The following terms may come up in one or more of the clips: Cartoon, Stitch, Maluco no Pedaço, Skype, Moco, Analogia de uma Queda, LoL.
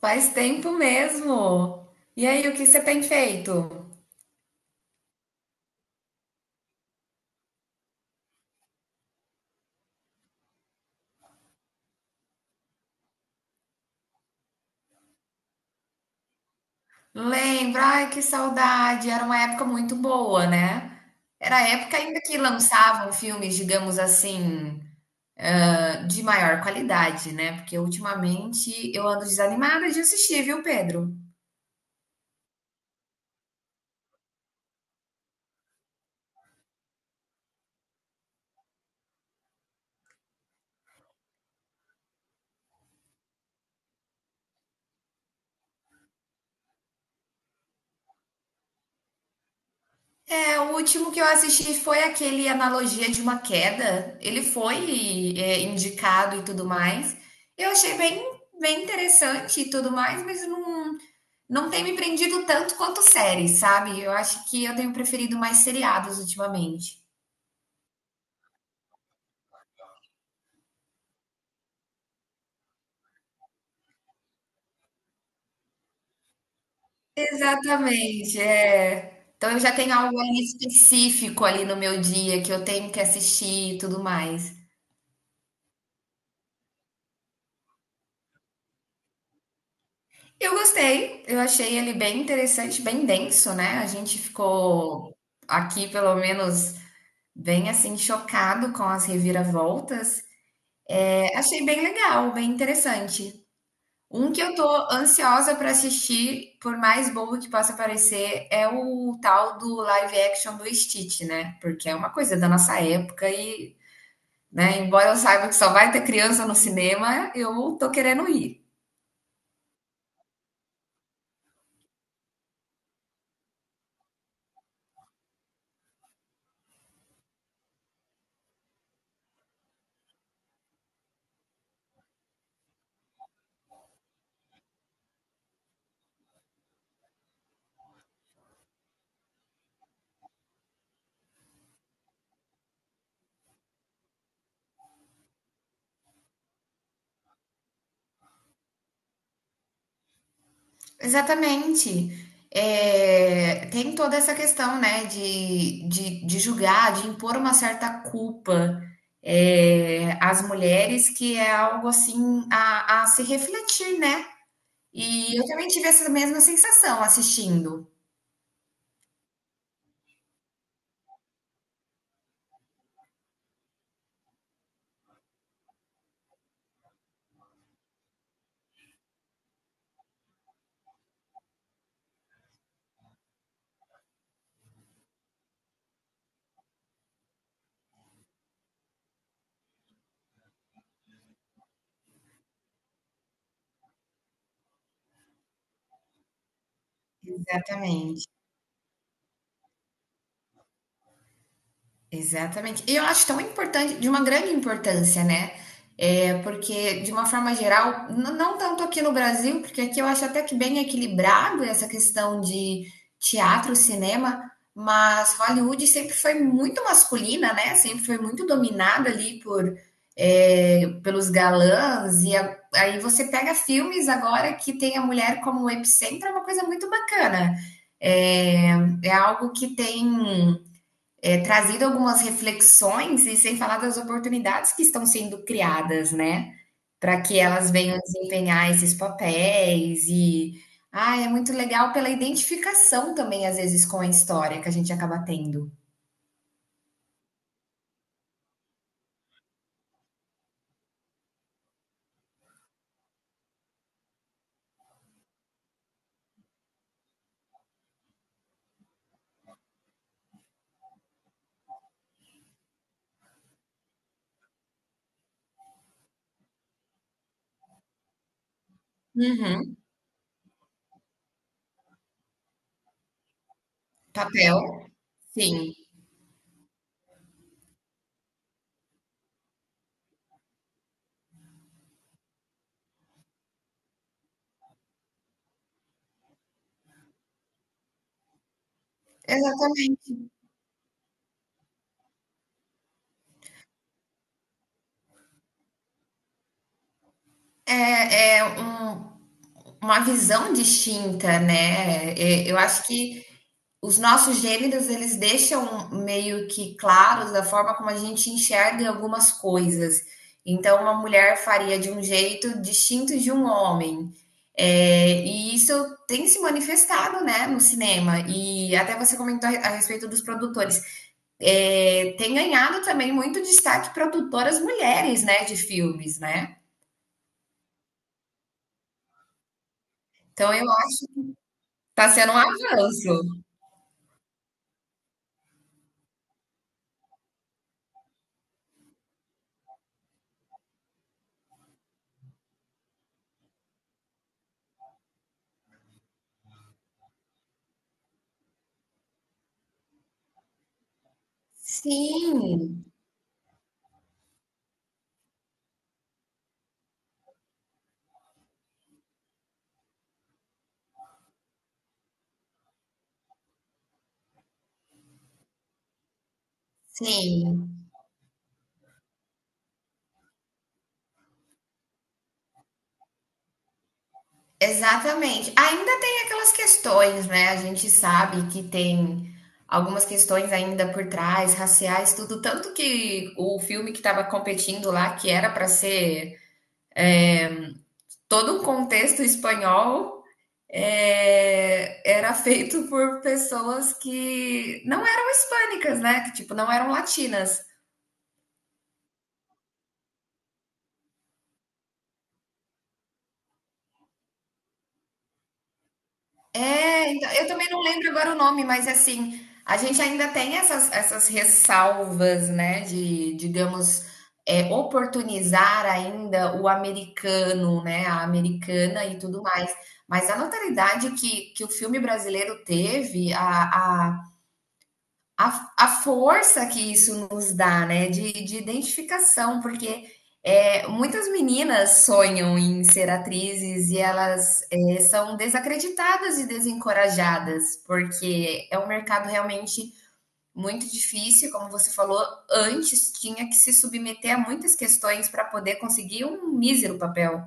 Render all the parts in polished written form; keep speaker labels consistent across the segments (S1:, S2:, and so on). S1: Faz tempo mesmo. E aí, o que você tem feito? Lembra? Ai, que saudade. Era uma época muito boa, né? Era a época ainda que lançavam filmes, digamos assim, de maior qualidade, né? Porque ultimamente eu ando desanimada de assistir, viu, Pedro? É, o último que eu assisti foi aquele Analogia de uma Queda. Ele foi, indicado e tudo mais. Eu achei bem, bem interessante e tudo mais, mas não. Não tem me prendido tanto quanto séries, sabe. Eu acho que eu tenho preferido mais seriados ultimamente. Exatamente, é. Então eu já tenho algo ali específico ali no meu dia que eu tenho que assistir e tudo mais. Eu gostei, eu achei ele bem interessante, bem denso, né. A gente ficou aqui, pelo menos, bem assim chocado com as reviravoltas. É, achei bem legal, bem interessante. Um que eu tô ansiosa pra assistir, por mais bobo que possa parecer, é o tal do live action do Stitch, né? Porque é uma coisa da nossa época e, né, embora eu saiba que só vai ter criança no cinema, eu tô querendo ir. Exatamente. É, tem toda essa questão, né, de julgar, de impor uma certa culpa, às mulheres, que é algo assim a se refletir, né? E eu também tive essa mesma sensação assistindo. Exatamente. Exatamente. E eu acho tão importante, de uma grande importância, né? É, porque, de uma forma geral, não tanto aqui no Brasil, porque aqui eu acho até que bem equilibrado essa questão de teatro, cinema, mas Hollywood sempre foi muito masculina, né? Sempre foi muito dominada ali por, pelos galãs, e aí você pega filmes agora que tem a mulher como epicentro, é uma coisa muito bacana. É, é algo que tem trazido algumas reflexões e sem falar das oportunidades que estão sendo criadas, né? Para que elas venham desempenhar esses papéis e é muito legal pela identificação também, às vezes, com a história que a gente acaba tendo. Uhum. Papel, sim. É, é um Uma visão distinta, né. Eu acho que os nossos gêneros, eles deixam meio que claros da forma como a gente enxerga algumas coisas. Então, uma mulher faria de um jeito distinto de um homem. E isso tem se manifestado, né, no cinema. E até você comentou a respeito dos produtores. Tem ganhado também muito destaque produtoras mulheres, né, de filmes, né. Então eu acho que está sendo um avanço. Sim, sim, exatamente. Ainda tem aquelas questões, né, a gente sabe que tem algumas questões ainda por trás, raciais, tudo, tanto que o filme que estava competindo lá, que era para ser todo um contexto espanhol, era feito por pessoas que não eram hispânicas, né, que tipo, não eram latinas. É, então, eu também não lembro agora o nome, mas assim, a gente ainda tem essas ressalvas, né, de, digamos, oportunizar ainda o americano, né, a americana e tudo mais. Mas a notoriedade que o filme brasileiro teve, a a força que isso nos dá, né, de identificação, porque muitas meninas sonham em ser atrizes e elas são desacreditadas e desencorajadas, porque é um mercado realmente muito difícil, como você falou, antes tinha que se submeter a muitas questões para poder conseguir um mísero papel.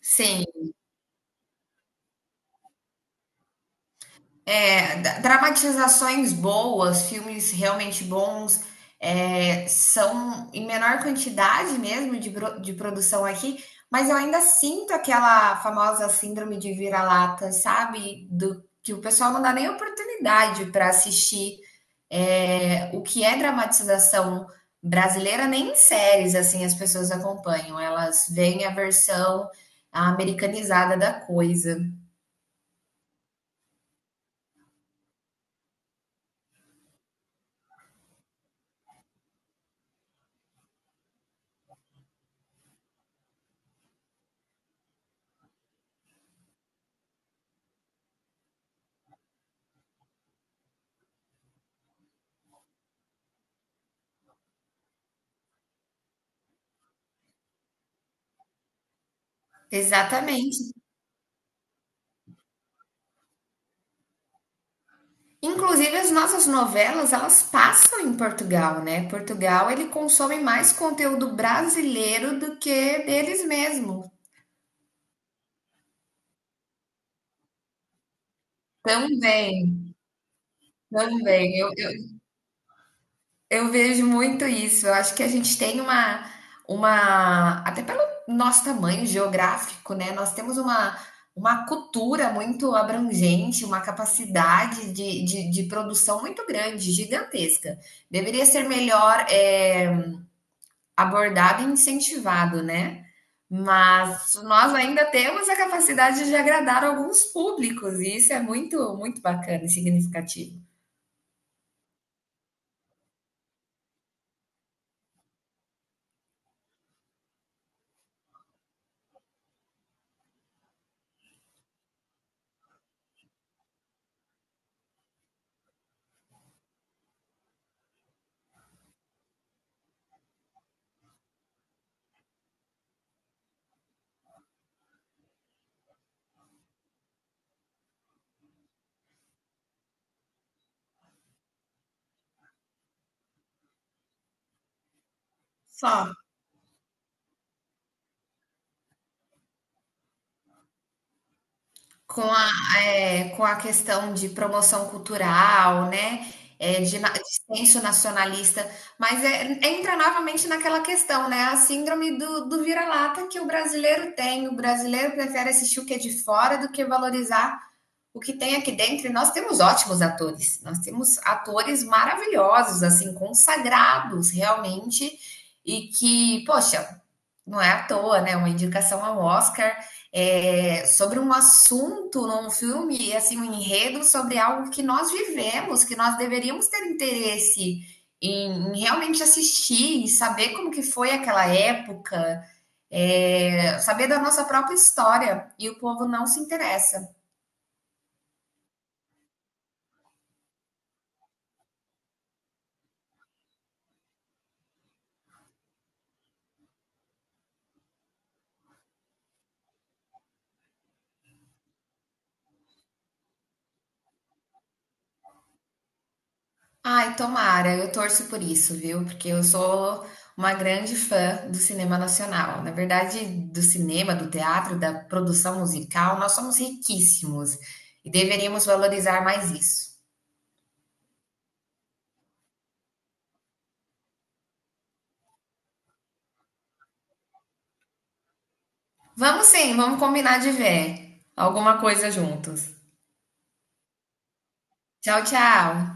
S1: Sim, dramatizações boas, filmes realmente bons, são em menor quantidade mesmo de, de produção aqui, mas eu ainda sinto aquela famosa síndrome de vira-lata, sabe? Do, que o pessoal não dá nem oportunidade para assistir o que é dramatização brasileira, nem em séries assim as pessoas acompanham, elas veem a versão americanizada da coisa. Exatamente. Inclusive, as nossas novelas, elas passam em Portugal, né? Portugal, ele consome mais conteúdo brasileiro do que deles mesmos. Também, também. Eu vejo muito isso. Eu acho que a gente tem uma, até pelo nosso tamanho geográfico, né? Nós temos uma cultura muito abrangente, uma capacidade de produção muito grande, gigantesca. Deveria ser melhor, abordado e incentivado, né? Mas nós ainda temos a capacidade de agradar alguns públicos, e isso é muito, muito bacana e significativo. Só. Com a, com a questão de promoção cultural, né? É, de, dissenso nacionalista, mas entra novamente naquela questão, né? A síndrome do, do vira-lata que o brasileiro tem. O brasileiro prefere assistir o que é de fora do que valorizar o que tem aqui dentro, e nós temos ótimos atores, nós temos atores maravilhosos, assim, consagrados realmente, e que, poxa, não é à toa, né? Uma indicação ao Oscar sobre um assunto num filme, assim, um enredo sobre algo que nós vivemos, que nós deveríamos ter interesse em, em realmente assistir e saber como que foi aquela época, saber da nossa própria história, e o povo não se interessa. Ai, tomara, eu torço por isso, viu? Porque eu sou uma grande fã do cinema nacional. Na verdade, do cinema, do teatro, da produção musical, nós somos riquíssimos e deveríamos valorizar mais isso. Vamos sim, vamos combinar de ver alguma coisa juntos. Tchau, tchau.